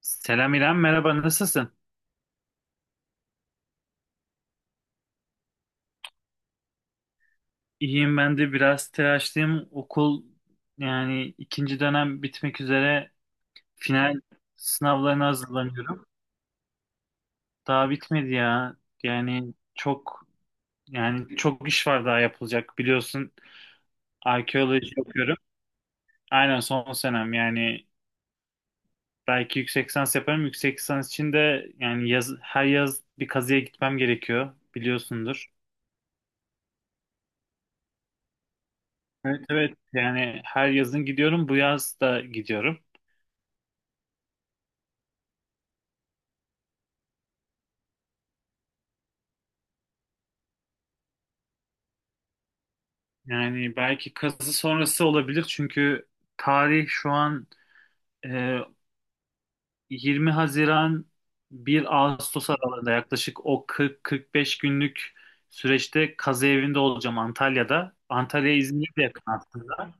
Selam İrem, merhaba nasılsın? İyiyim ben de biraz telaşlıyım. Okul yani ikinci dönem bitmek üzere final sınavlarına hazırlanıyorum. Daha bitmedi ya. Yani çok yani çok iş var daha yapılacak. Biliyorsun arkeoloji okuyorum. Aynen son senem yani belki yüksek lisans yaparım. Yüksek lisans için de yani her yaz bir kazıya gitmem gerekiyor biliyorsundur. Evet evet yani her yazın gidiyorum bu yaz da gidiyorum. Yani belki kazı sonrası olabilir çünkü tarih şu an e, 20 Haziran 1 Ağustos aralığında yaklaşık o 40-45 günlük süreçte kazı evinde olacağım Antalya'da. Antalya İzmir'e de yakın aslında.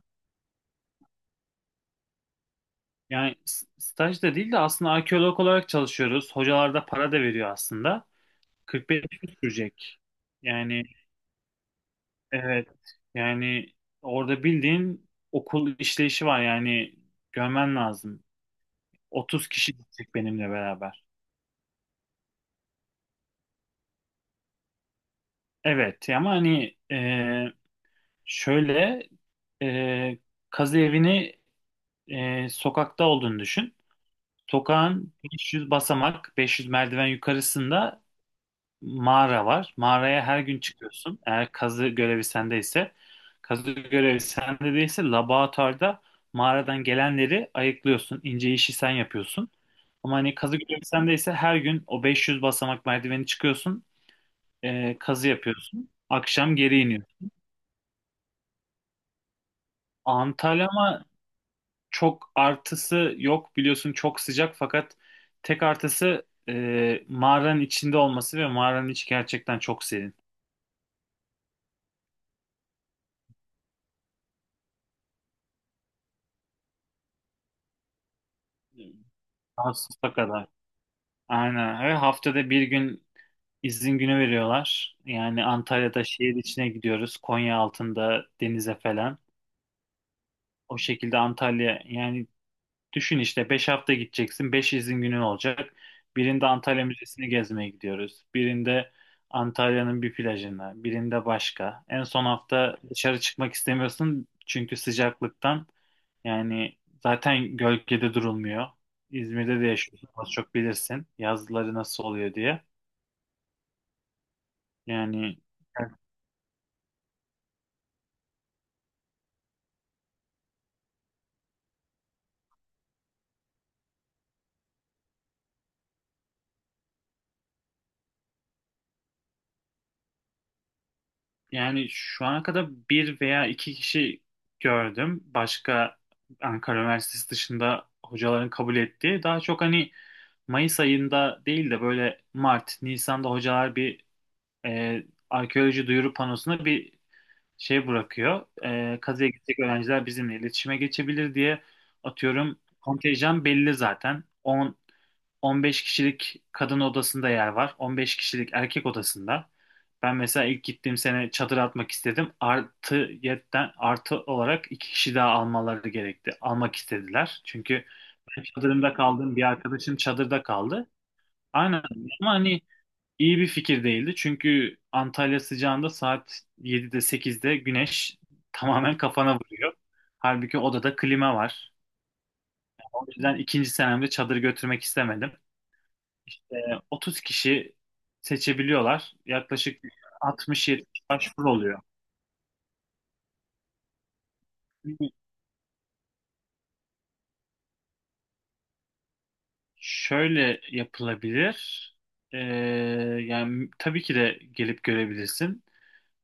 Yani staj da değil de aslında arkeolog olarak çalışıyoruz. Hocalar da para da veriyor aslında. 45 gün sürecek. Yani evet, yani orada bildiğin okul işleyişi var yani görmen lazım. 30 kişi gidecek benimle beraber. Evet ama hani şöyle e, kazı evini sokakta olduğunu düşün. Sokağın 500 basamak, 500 merdiven yukarısında mağara var. Mağaraya her gün çıkıyorsun, eğer kazı görevi sendeyse. Kazı görevi sende değilse laboratuvarda mağaradan gelenleri ayıklıyorsun. İnce işi sen yapıyorsun. Ama hani kazı görevi sendeyse her gün o 500 basamak merdiveni çıkıyorsun. Kazı yapıyorsun. Akşam geri iniyorsun. Antalya ama çok artısı yok, biliyorsun çok sıcak, fakat tek artısı mağaranın içinde olması ve mağaranın içi gerçekten çok serin. Ağustos'a kadar. Aynen. Ve haftada bir gün izin günü veriyorlar. Yani Antalya'da şehir içine gidiyoruz. Konya altında denize falan. O şekilde Antalya yani. Düşün işte 5 hafta gideceksin, 5 izin günün olacak. Birinde Antalya Müzesi'ni gezmeye gidiyoruz. Birinde Antalya'nın bir plajına. Birinde başka. En son hafta dışarı çıkmak istemiyorsun. Çünkü sıcaklıktan yani zaten gölgede durulmuyor. İzmir'de de yaşıyorsun. Az çok bilirsin yazları nasıl oluyor diye. Yani yani şu ana kadar bir veya iki kişi gördüm. Başka, Ankara Üniversitesi dışında hocaların kabul ettiği. Daha çok hani Mayıs ayında değil de böyle Mart, Nisan'da hocalar bir e, arkeoloji duyuru panosuna bir şey bırakıyor. Kazıya gidecek öğrenciler bizimle iletişime geçebilir diye. Atıyorum, kontenjan belli zaten. 10 15 kişilik kadın odasında yer var. 15 kişilik erkek odasında. Ben mesela ilk gittiğim sene çadır atmak istedim. Artı yetten artı olarak iki kişi daha almaları gerekti. Almak istediler. Çünkü ben çadırımda kaldım, bir arkadaşım çadırda kaldı. Aynen. Ama hani İyi bir fikir değildi. Çünkü Antalya sıcağında saat 7'de 8'de güneş tamamen kafana vuruyor. Halbuki odada klima var. O yüzden ikinci senemde çadır götürmek istemedim. Ee, 30 kişi seçebiliyorlar. Yaklaşık altmış 70 başvuru oluyor. Şöyle yapılabilir. Ee, yani tabii ki de gelip görebilirsin.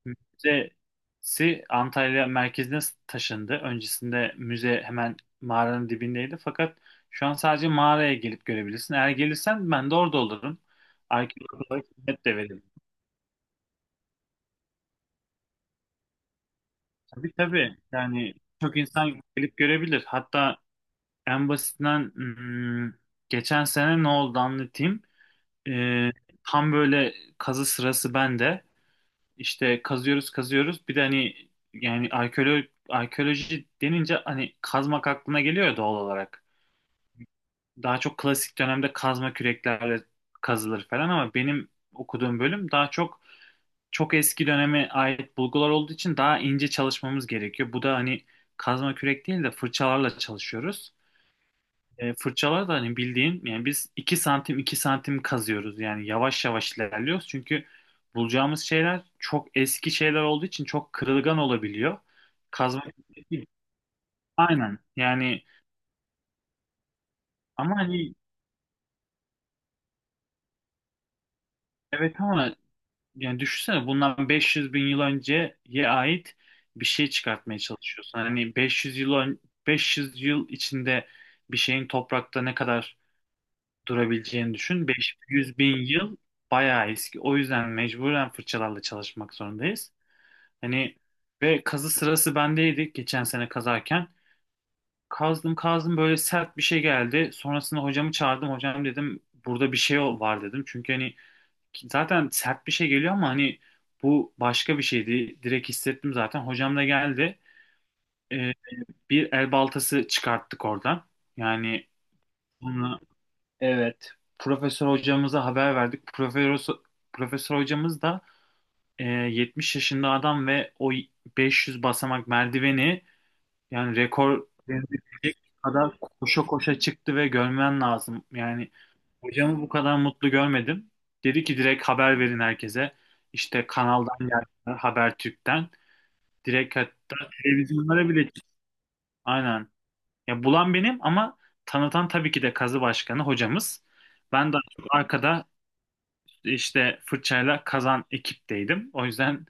Müzesi Antalya merkezine taşındı. Öncesinde müze hemen mağaranın dibindeydi. Fakat şu an sadece mağaraya gelip görebilirsin. Eğer gelirsen ben de orada olurum, arkeolog olarak hizmet de veririm. Tabii tabii. Yani çok insan gelip görebilir. Hatta en basitinden, geçen sene ne oldu anlatayım. Ee, tam böyle kazı sırası bende. İşte kazıyoruz kazıyoruz. Bir de hani yani arkeoloji denince hani kazmak aklına geliyor ya, doğal olarak. Daha çok klasik dönemde kazma küreklerle kazılır falan ama benim okuduğum bölüm daha çok çok eski döneme ait bulgular olduğu için daha ince çalışmamız gerekiyor. Bu da hani kazma kürek değil de fırçalarla çalışıyoruz. Fırçalar da hani bildiğin yani biz 2 santim 2 santim kazıyoruz, yani yavaş yavaş ilerliyoruz çünkü bulacağımız şeyler çok eski şeyler olduğu için çok kırılgan olabiliyor. Kazma, aynen yani. Ama hani evet, ama yani düşünsene bundan 500 bin yıl önceye ait bir şey çıkartmaya çalışıyorsun. Hani 500 yıl 500 yıl içinde bir şeyin toprakta ne kadar durabileceğini düşün. 500 bin yıl bayağı eski. O yüzden mecburen fırçalarla çalışmak zorundayız. Hani ve kazı sırası bendeydi geçen sene kazarken. Kazdım kazdım, böyle sert bir şey geldi. Sonrasında hocamı çağırdım. Hocam dedim, burada bir şey var dedim. Çünkü hani zaten sert bir şey geliyor ama hani bu başka bir şeydi. Direkt hissettim zaten. Hocam da geldi. Ee, bir el baltası çıkarttık oradan. Yani, evet. Profesör hocamıza haber verdik. Profesör hocamız da 70 yaşında adam ve o 500 basamak merdiveni yani rekor denilebilecek kadar koşa koşa çıktı ve görmen lazım. Yani hocamı bu kadar mutlu görmedim. Dedi ki direkt haber verin herkese. İşte kanaldan geldiler, Habertürk'ten. Direkt hatta televizyonlara bile çıktı. Aynen. Ya bulan benim ama tanıtan tabii ki de kazı başkanı hocamız. Ben daha çok arkada işte fırçayla kazan ekipteydim. O yüzden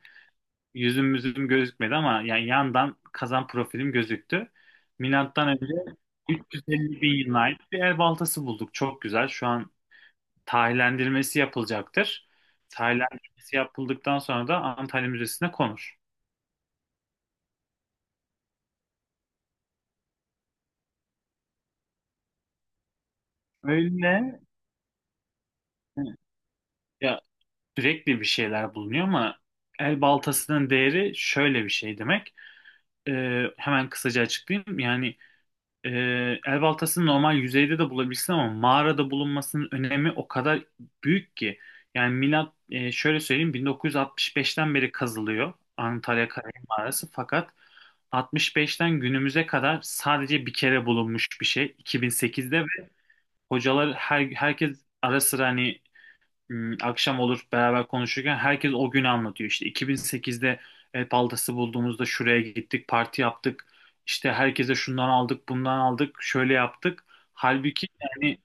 yüzüm gözükmedi ama yani yandan kazan profilim gözüktü. Milattan önce 350 bin yılına ait bir el baltası bulduk. Çok güzel. Şu an tarihlendirmesi yapılacaktır. Tarihlendirmesi yapıldıktan sonra da Antalya Müzesi'ne konur. Öyle ya, sürekli bir şeyler bulunuyor ama el baltasının değeri şöyle bir şey demek. Hemen kısaca açıklayayım. Yani el baltasını normal yüzeyde de bulabilirsin ama mağarada bulunmasının önemi o kadar büyük ki. Yani milat, şöyle söyleyeyim, 1965'ten beri kazılıyor Antalya Kaya Mağarası, fakat 65'ten günümüze kadar sadece bir kere bulunmuş bir şey, 2008'de. Ve hocalar, herkes ara sıra hani, akşam olur beraber konuşurken, herkes o günü anlatıyor. İşte 2008'de el baltası bulduğumuzda şuraya gittik, parti yaptık. İşte herkese şundan aldık, bundan aldık, şöyle yaptık. Halbuki yani,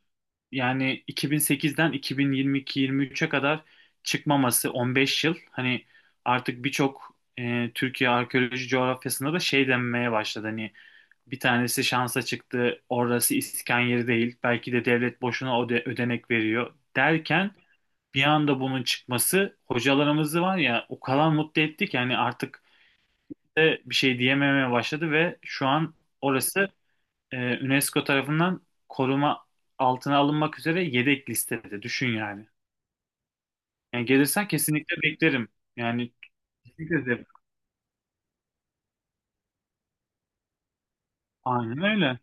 2008'den 2022-23'e kadar çıkmaması 15 yıl. Hani artık birçok Türkiye arkeoloji coğrafyasında da şey denmeye başladı. Hani bir tanesi şansa çıktı, orası iskan yeri değil. Belki de devlet boşuna ödenek veriyor derken bir anda bunun çıkması hocalarımızı var ya o kadar mutlu etti ki, hani artık de bir şey diyememeye başladı. Ve şu an orası e, UNESCO tarafından koruma altına alınmak üzere yedek listede. Düşün yani. Yani gelirsen kesinlikle beklerim. Yani kesinlikle de. Aynen öyle.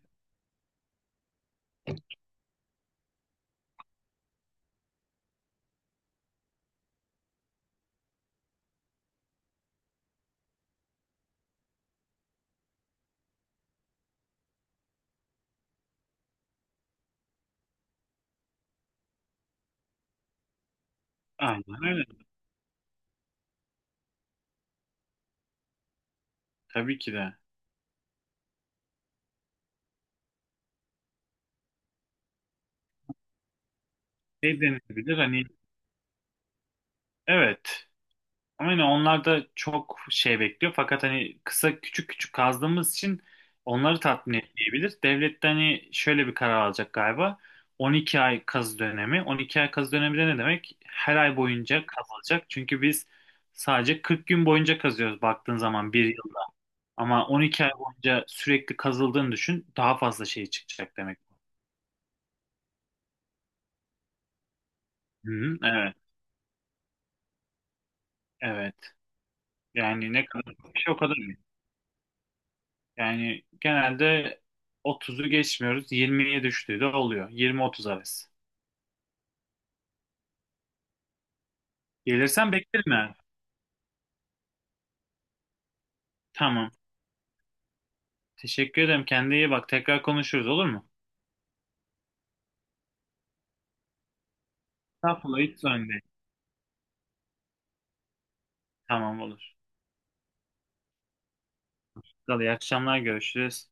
Aynen öyle. Tabii ki de. Şey denilebilir hani, evet. Aynen, onlar da çok şey bekliyor. Fakat hani kısa küçük küçük kazdığımız için onları tatmin etmeyebilir. Devlet de hani şöyle bir karar alacak galiba. 12 ay kazı dönemi. 12 ay kazı dönemi de ne demek? Her ay boyunca kazılacak. Çünkü biz sadece 40 gün boyunca kazıyoruz baktığın zaman, bir yılda. Ama 12 ay boyunca sürekli kazıldığını düşün. Daha fazla şey çıkacak demek. Hı-hı, evet, evet. Yani ne kadar çok şey o kadar. Yani genelde 30'u geçmiyoruz. 20'ye düştüğü de oluyor. 20-30 arası. Gelirsen beklerim yani. Tamam. Teşekkür ederim. Kendine iyi bak. Tekrar konuşuruz, olur mu? Estağfurullah, hiç sorun değil. Tamam, olur. İyi akşamlar, görüşürüz.